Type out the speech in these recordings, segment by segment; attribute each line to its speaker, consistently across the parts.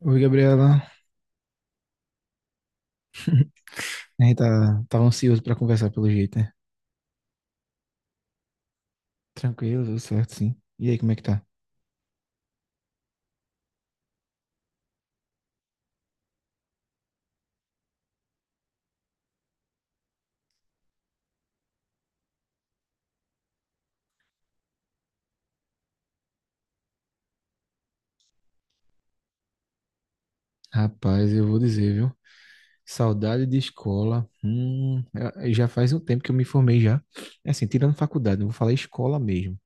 Speaker 1: Oi, Gabriela. A gente tava ansioso pra conversar pelo jeito, né? Tranquilo, tudo certo, sim. E aí, como é que tá? Rapaz, eu vou dizer, viu? Saudade de escola. Já faz um tempo que eu me formei já. É, assim, tirando faculdade, eu vou falar escola mesmo.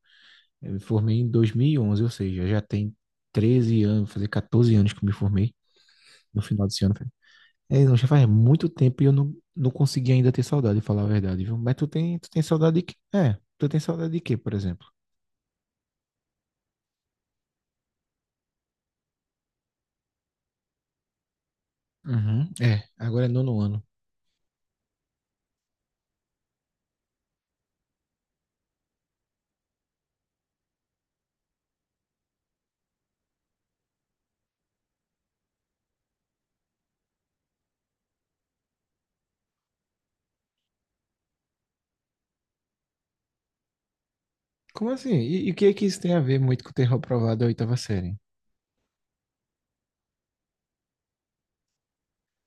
Speaker 1: Eu me formei em 2011, ou seja, já tem 13 anos, vou fazer 14 anos que eu me formei no final desse ano. É, não, já faz muito tempo e eu não consegui ainda ter saudade, falar a verdade, viu? Mas tu tem saudade de quê? É, tu tem saudade de quê, por exemplo? Uhum. É, agora é nono ano. Como assim? E o que é que isso tem a ver muito com ter reprovado a oitava série?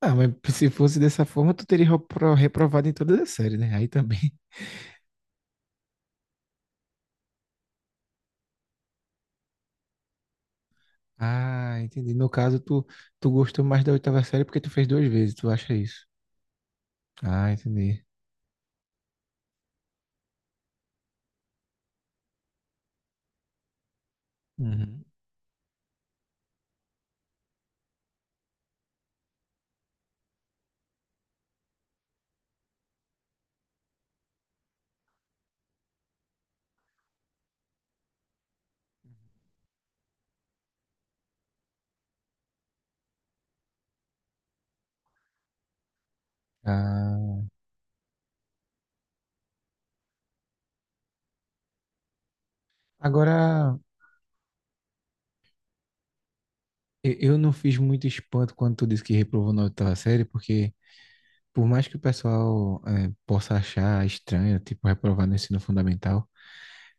Speaker 1: Ah, mas se fosse dessa forma, tu teria reprovado em todas as séries, né? Aí também. Ah, entendi. No caso, tu gostou mais da oitava série porque tu fez duas vezes, tu acha isso? Ah, entendi. Uhum. Ah, agora, eu não fiz muito espanto quando tu disse que reprovou na oitava série, porque por mais que o pessoal possa achar estranho, tipo, reprovar no ensino fundamental,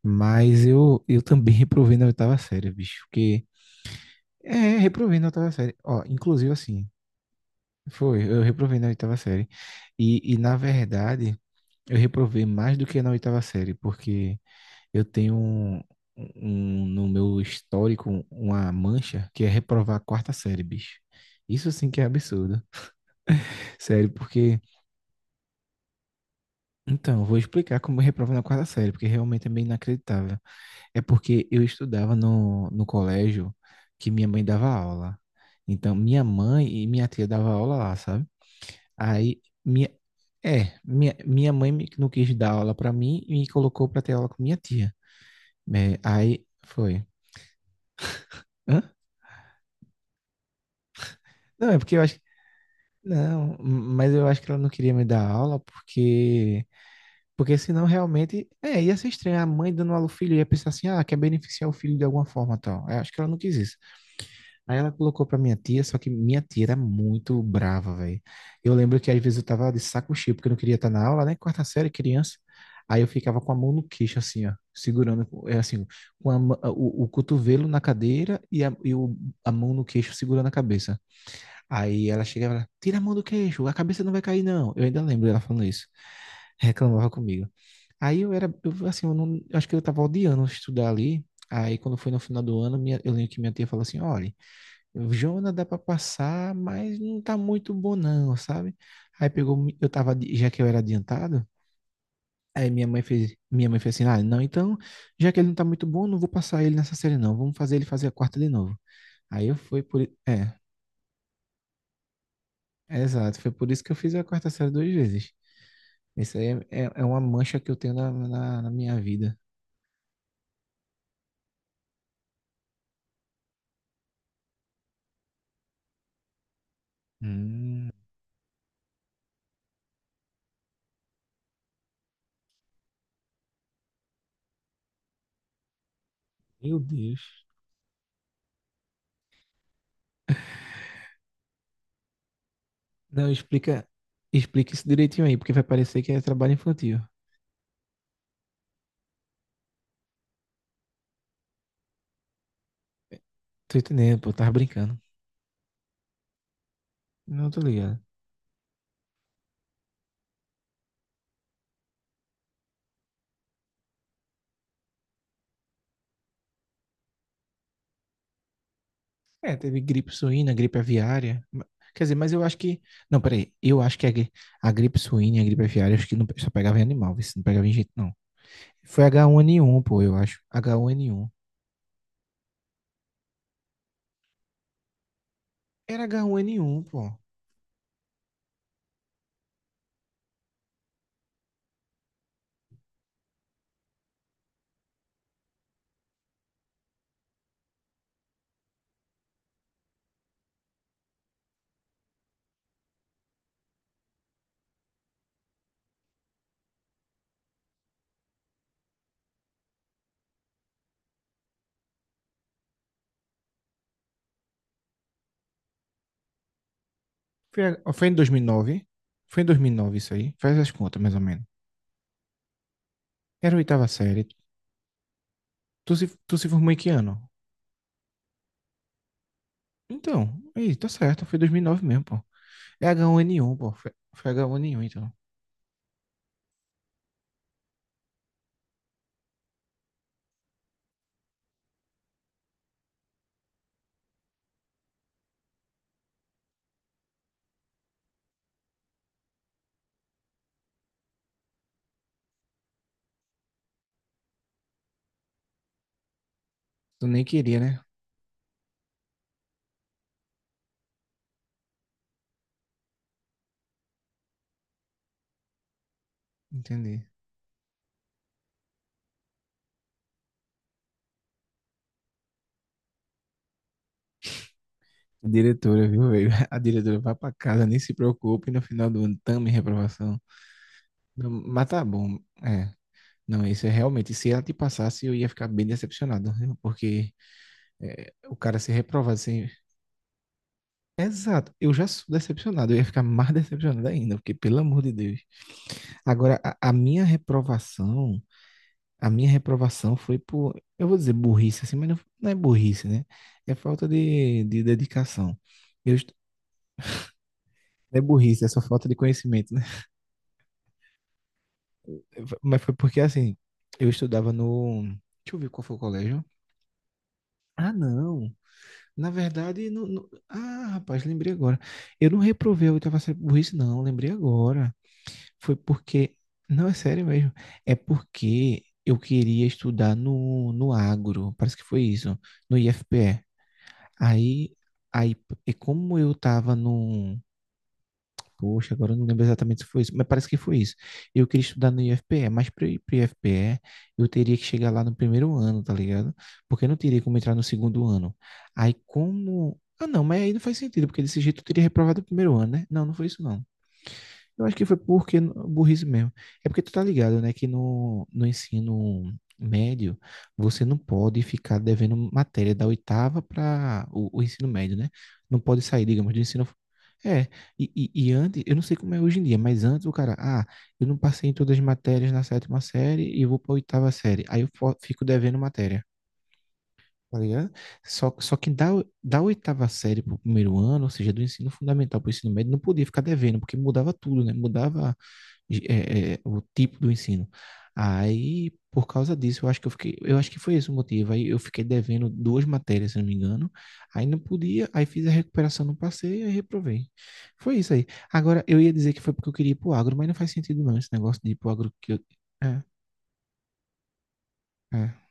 Speaker 1: mas eu também reprovei na oitava série, bicho. Porque. É, reprovei na oitava série. Ó, inclusive assim. Foi, eu reprovei na oitava série. E na verdade, eu reprovei mais do que na oitava série, porque eu tenho um no meu histórico uma mancha que é reprovar a quarta série, bicho. Isso sim que é absurdo. Sério, porque. Então, eu vou explicar como eu reprovo na quarta série, porque realmente é meio inacreditável. É porque eu estudava no colégio que minha mãe dava aula. Então, minha mãe e minha tia dava aula lá, sabe? Aí, minha, minha mãe não quis dar aula pra mim e me colocou pra ter aula com minha tia. É, aí, foi. Hã? Não, é porque eu acho que, não, mas eu acho que ela não queria me dar aula porque senão realmente, ia ser estranho. A mãe dando aula ao filho ia pensar assim, ah, quer beneficiar o filho de alguma forma, tal. Eu acho que ela não quis isso. Aí ela colocou pra minha tia, só que minha tia era muito brava, velho. Eu lembro que às vezes eu tava de saco cheio, porque eu não queria estar na aula, né? Quarta série, criança. Aí eu ficava com a mão no queixo, assim, ó, segurando, é assim, com o cotovelo na cadeira e a mão no queixo segurando a cabeça. Aí ela chegava lá, tira a mão do queixo, a cabeça não vai cair, não. Eu ainda lembro ela falando isso. Reclamava comigo. Aí eu era, eu, assim, eu não, eu acho que eu tava odiando estudar ali. Aí quando foi no final do ano, eu lembro que minha tia falou assim, olha, o Jona dá pra passar, mas não tá muito bom não, sabe? Aí pegou, eu tava, já que eu era adiantado, aí minha mãe fez assim, ah, não, então, já que ele não tá muito bom, não vou passar ele nessa série não, vamos fazer ele fazer a quarta de novo. Aí eu fui por, é, é exato, foi por isso que eu fiz a quarta série duas vezes. Isso aí é uma mancha que eu tenho na minha vida. Hum, meu Deus. Não, explica isso direitinho aí, porque vai parecer que é trabalho infantil. Tô entendendo, pô, tava brincando. Não, tô ligado. É, teve gripe suína, gripe aviária. Quer dizer, mas eu acho que. Não, peraí. Eu acho que a gripe suína e a gripe aviária, acho que não, só pegava em animal, vê se não pegava em gente, não. Foi H1N1, pô, eu acho. H1N1. Era H1N1, pô. Foi em 2009. Foi em 2009 isso aí. Faz as contas, mais ou menos. Era a oitava série. Tu se formou em que ano? Então, aí, tá certo. Foi 2009 mesmo, pô. É H1N1, pô. Foi H1N1, então. Tu nem queria, né? Entendi. Diretora, viu, velho? A diretora vai pra casa, nem se preocupe, no final do ano também reprovação. Não, mas tá bom, é. Não, isso é realmente, se ela te passasse, eu ia ficar bem decepcionado, né? Porque é, o cara ser reprovado assim... Exato, eu já sou decepcionado, eu ia ficar mais decepcionado ainda, porque pelo amor de Deus. Agora, a minha reprovação foi por, eu vou dizer burrice assim, mas não é burrice, né? É falta de dedicação. Eu, est- é burrice, é só falta de conhecimento, né? Mas foi porque assim, eu estudava no. Deixa eu ver qual foi o colégio. Ah, não. Na verdade, ah, rapaz, lembrei agora. Eu não reprovei a oitava série por isso, não. Lembrei agora. Foi porque. Não, é sério mesmo. É porque eu queria estudar no agro. Parece que foi isso. No IFPE. Aí, aí, e como eu tava no, poxa, agora eu não lembro exatamente se foi isso, mas parece que foi isso. Eu queria estudar no IFPE, mas para ir para o IFPE, eu teria que chegar lá no primeiro ano, tá ligado? Porque eu não teria como entrar no segundo ano. Aí como. Ah, não, mas aí não faz sentido, porque desse jeito eu teria reprovado o primeiro ano, né? Não, não foi isso, não. Eu acho que foi porque burrice mesmo. É porque tu tá ligado, né, que no ensino médio você não pode ficar devendo matéria da oitava para o ensino médio, né? Não pode sair, digamos, do ensino. É, e antes, eu não sei como é hoje em dia, mas antes o cara, ah, eu não passei em todas as matérias na sétima série e eu vou pra oitava série. Aí eu fico devendo matéria. Tá ligado? Só que da oitava série pro primeiro ano, ou seja, do ensino fundamental para o ensino médio, não podia ficar devendo, porque mudava tudo, né? Mudava o tipo do ensino. Aí, por causa disso, eu acho que eu fiquei, eu acho que foi esse o motivo. Aí eu fiquei devendo duas matérias, se não me engano. Aí não podia, aí fiz a recuperação, não passei, aí reprovei. Foi isso aí. Agora, eu ia dizer que foi porque eu queria ir pro agro, mas não faz sentido não, esse negócio de ir pro agro que eu... É, é.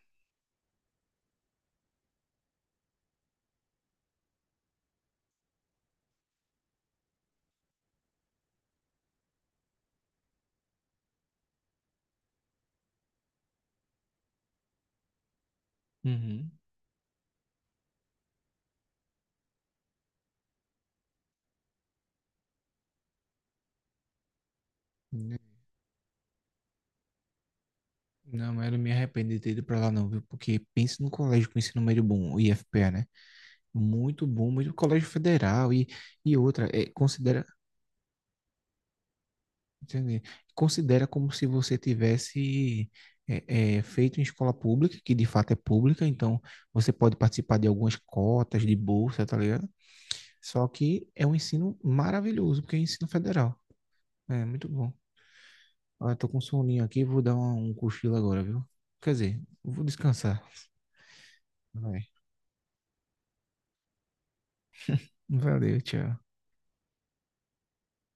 Speaker 1: Uhum. Não, mas eu não me arrependo de ter ido pra lá não, viu? Porque pense no colégio com ensino médio bom, o IFPA, né? Muito bom, muito colégio federal e outra, é, considera. Entendi. Considera como se você tivesse feito em escola pública, que de fato é pública, então você pode participar de algumas cotas de bolsa, tá ligado? Só que é um ensino maravilhoso, porque é ensino federal. É muito bom. Ah, eu tô com um soninho aqui, vou dar um cochilo agora, viu? Quer dizer, vou descansar. Vai. Valeu, tchau.